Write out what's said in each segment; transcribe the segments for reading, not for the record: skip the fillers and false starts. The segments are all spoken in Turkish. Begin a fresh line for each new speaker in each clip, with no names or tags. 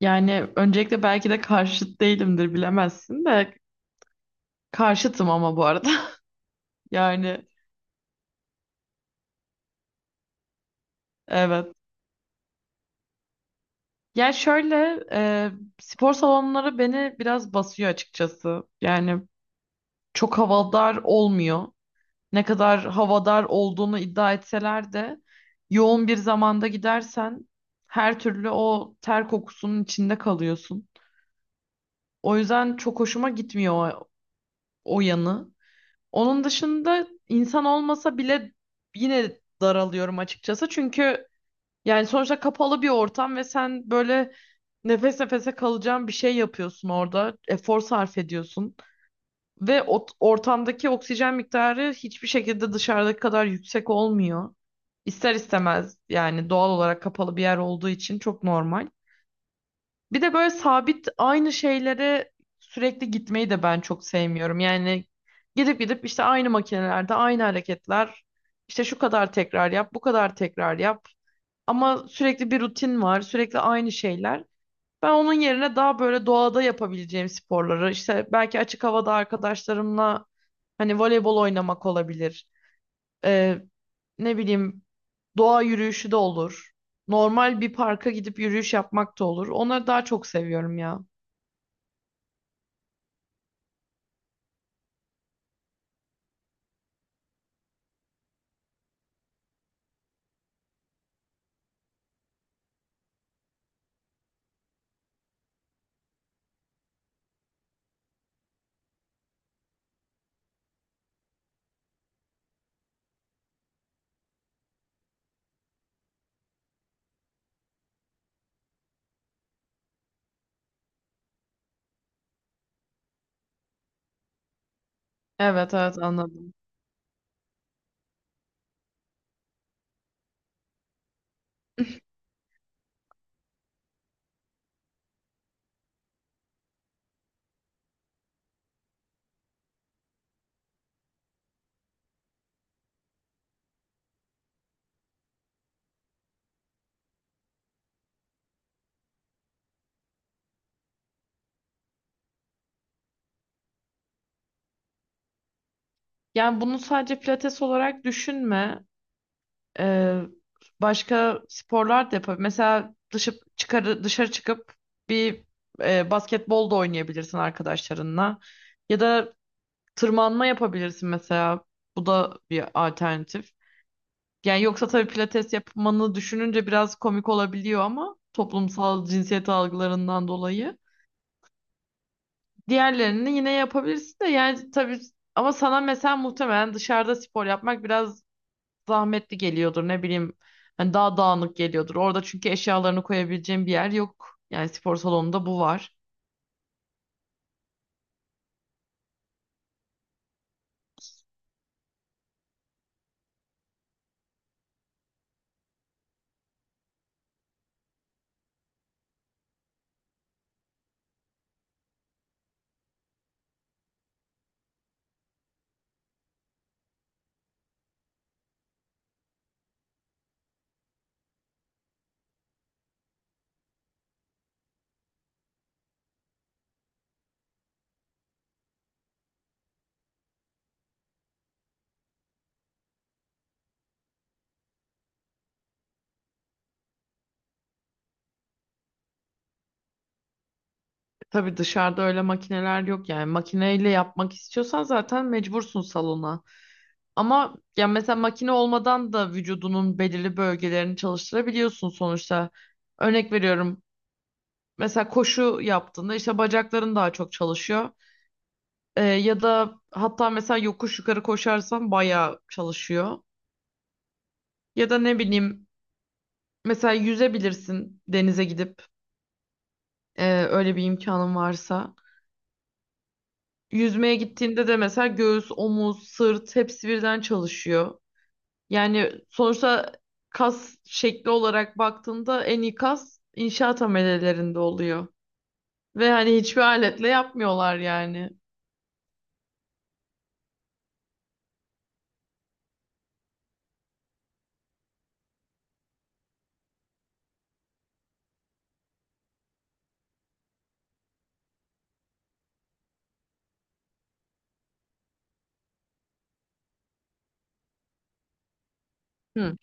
Yani öncelikle belki de karşıt değilimdir bilemezsin de karşıtım ama bu arada. Yani evet. Yani şöyle spor salonları beni biraz basıyor açıkçası. Yani çok havadar olmuyor. Ne kadar havadar olduğunu iddia etseler de yoğun bir zamanda gidersen her türlü o ter kokusunun içinde kalıyorsun. O yüzden çok hoşuma gitmiyor o yanı. Onun dışında insan olmasa bile yine daralıyorum açıkçası. Çünkü yani sonuçta kapalı bir ortam ve sen böyle nefes nefese kalacağın bir şey yapıyorsun orada. Efor sarf ediyorsun. Ve o ortamdaki oksijen miktarı hiçbir şekilde dışarıdaki kadar yüksek olmuyor. İster istemez yani doğal olarak kapalı bir yer olduğu için çok normal. Bir de böyle sabit aynı şeylere sürekli gitmeyi de ben çok sevmiyorum. Yani gidip gidip işte aynı makinelerde aynı hareketler. İşte şu kadar tekrar yap, bu kadar tekrar yap. Ama sürekli bir rutin var, sürekli aynı şeyler. Ben onun yerine daha böyle doğada yapabileceğim sporları, işte belki açık havada arkadaşlarımla hani voleybol oynamak olabilir. Ee, ne bileyim doğa yürüyüşü de olur. Normal bir parka gidip yürüyüş yapmak da olur. Onları daha çok seviyorum ya. Evet evet, anladım. Yani bunu sadece pilates olarak düşünme. Ee, Başka sporlar da yapabilir. Mesela dışarı çıkıp bir basketbol da oynayabilirsin arkadaşlarınla. Ya da tırmanma yapabilirsin mesela. Bu da bir alternatif. Yani yoksa tabii pilates yapmanı düşününce biraz komik olabiliyor ama toplumsal cinsiyet algılarından dolayı. Diğerlerini yine yapabilirsin de yani tabii ama sana mesela muhtemelen dışarıda spor yapmak biraz zahmetli geliyordur, ne bileyim, hani daha dağınık geliyordur. Orada çünkü eşyalarını koyabileceğin bir yer yok. Yani spor salonunda bu var. E, tabii dışarıda öyle makineler yok, yani makineyle yapmak istiyorsan zaten mecbursun salona. Ama ya mesela makine olmadan da vücudunun belirli bölgelerini çalıştırabiliyorsun sonuçta. Örnek veriyorum. Mesela koşu yaptığında işte bacakların daha çok çalışıyor. Ya da hatta mesela yokuş yukarı koşarsan bayağı çalışıyor. Ya da ne bileyim, mesela yüzebilirsin denize gidip öyle bir imkanın varsa. Yüzmeye gittiğinde de mesela göğüs, omuz, sırt hepsi birden çalışıyor. Yani sonuçta kas şekli olarak baktığında en iyi kas inşaat amelelerinde oluyor. Ve hani hiçbir aletle yapmıyorlar yani. Hı.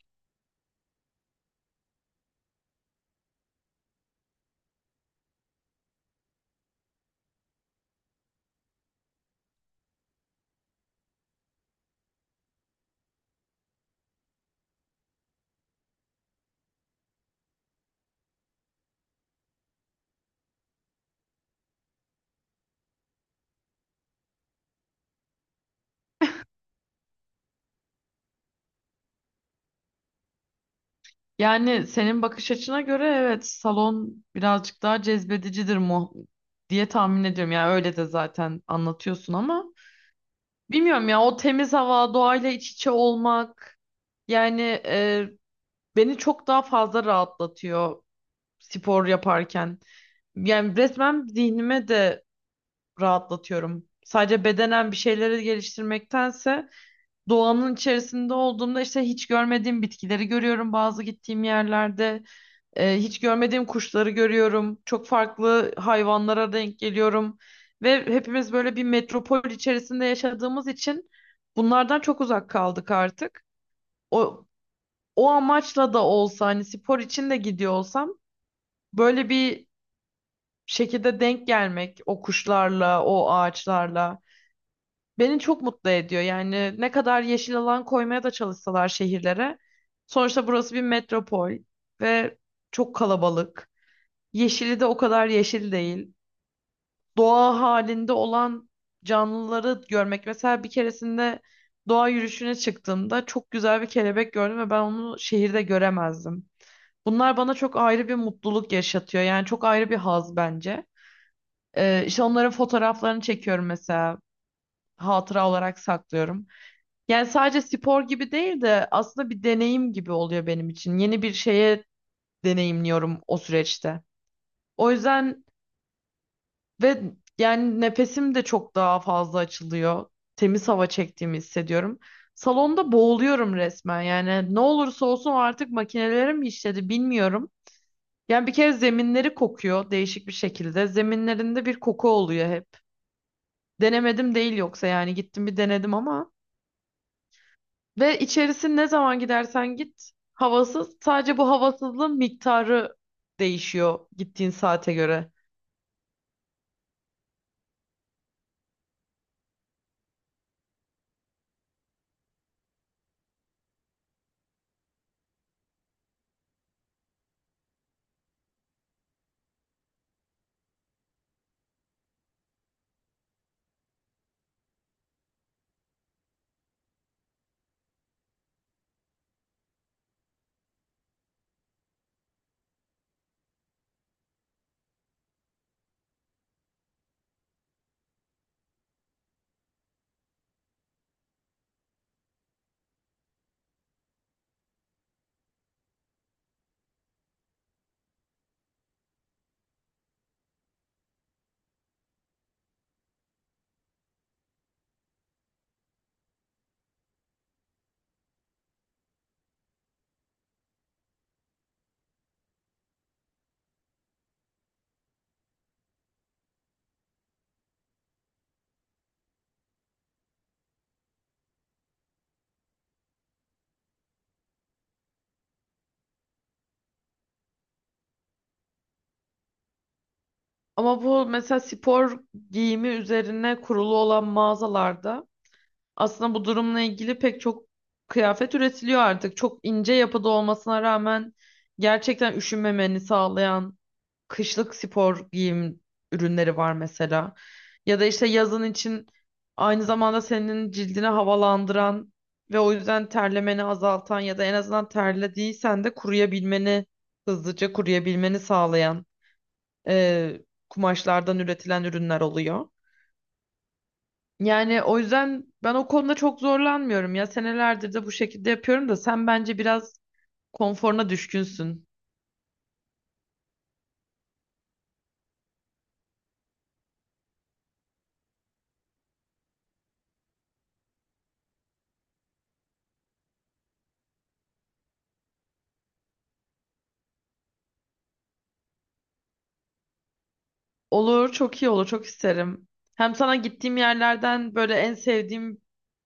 Yani senin bakış açına göre evet salon birazcık daha cezbedicidir mu diye tahmin ediyorum. Yani öyle de zaten anlatıyorsun ama. Bilmiyorum ya, o temiz hava, doğayla iç içe olmak, yani e, beni çok daha fazla rahatlatıyor spor yaparken. Yani resmen zihnime de rahatlatıyorum. Sadece bedenen bir şeyleri geliştirmektense doğanın içerisinde olduğumda işte hiç görmediğim bitkileri görüyorum bazı gittiğim yerlerde. Hiç görmediğim kuşları görüyorum. Çok farklı hayvanlara denk geliyorum. Ve hepimiz böyle bir metropol içerisinde yaşadığımız için bunlardan çok uzak kaldık artık. O, o amaçla da olsa hani spor için de gidiyor olsam böyle bir şekilde denk gelmek o kuşlarla, o ağaçlarla beni çok mutlu ediyor. Yani ne kadar yeşil alan koymaya da çalışsalar şehirlere. Sonuçta burası bir metropol ve çok kalabalık. Yeşili de o kadar yeşil değil. Doğa halinde olan canlıları görmek. Mesela bir keresinde doğa yürüyüşüne çıktığımda çok güzel bir kelebek gördüm ve ben onu şehirde göremezdim. Bunlar bana çok ayrı bir mutluluk yaşatıyor. Yani çok ayrı bir haz bence. İşte onların fotoğraflarını çekiyorum mesela. Hatıra olarak saklıyorum. Yani sadece spor gibi değil de aslında bir deneyim gibi oluyor benim için. Yeni bir şeye deneyimliyorum o süreçte. O yüzden. Ve yani nefesim de çok daha fazla açılıyor. Temiz hava çektiğimi hissediyorum. Salonda boğuluyorum resmen. Yani ne olursa olsun artık makinelere mi işledi bilmiyorum. Yani bir kere zeminleri kokuyor değişik bir şekilde. Zeminlerinde bir koku oluyor hep. Denemedim değil yoksa, yani gittim bir denedim ama. Ve içerisi ne zaman gidersen git havasız. Sadece bu havasızlığın miktarı değişiyor gittiğin saate göre. Ama bu mesela spor giyimi üzerine kurulu olan mağazalarda aslında bu durumla ilgili pek çok kıyafet üretiliyor artık. Çok ince yapıda olmasına rağmen gerçekten üşünmemeni sağlayan kışlık spor giyim ürünleri var mesela. Ya da işte yazın için aynı zamanda senin cildini havalandıran ve o yüzden terlemeni azaltan ya da en azından terlediysen de kuruyabilmeni, hızlıca kuruyabilmeni sağlayan e, kumaşlardan üretilen ürünler oluyor. Yani o yüzden ben o konuda çok zorlanmıyorum ya, senelerdir de bu şekilde yapıyorum da sen bence biraz konforuna düşkünsün. Olur, çok iyi olur, çok isterim. Hem sana gittiğim yerlerden böyle en sevdiğim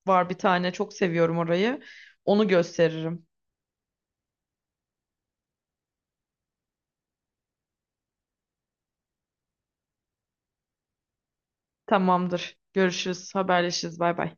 var bir tane, çok seviyorum orayı. Onu gösteririm. Tamamdır. Görüşürüz, haberleşiriz. Bay bay.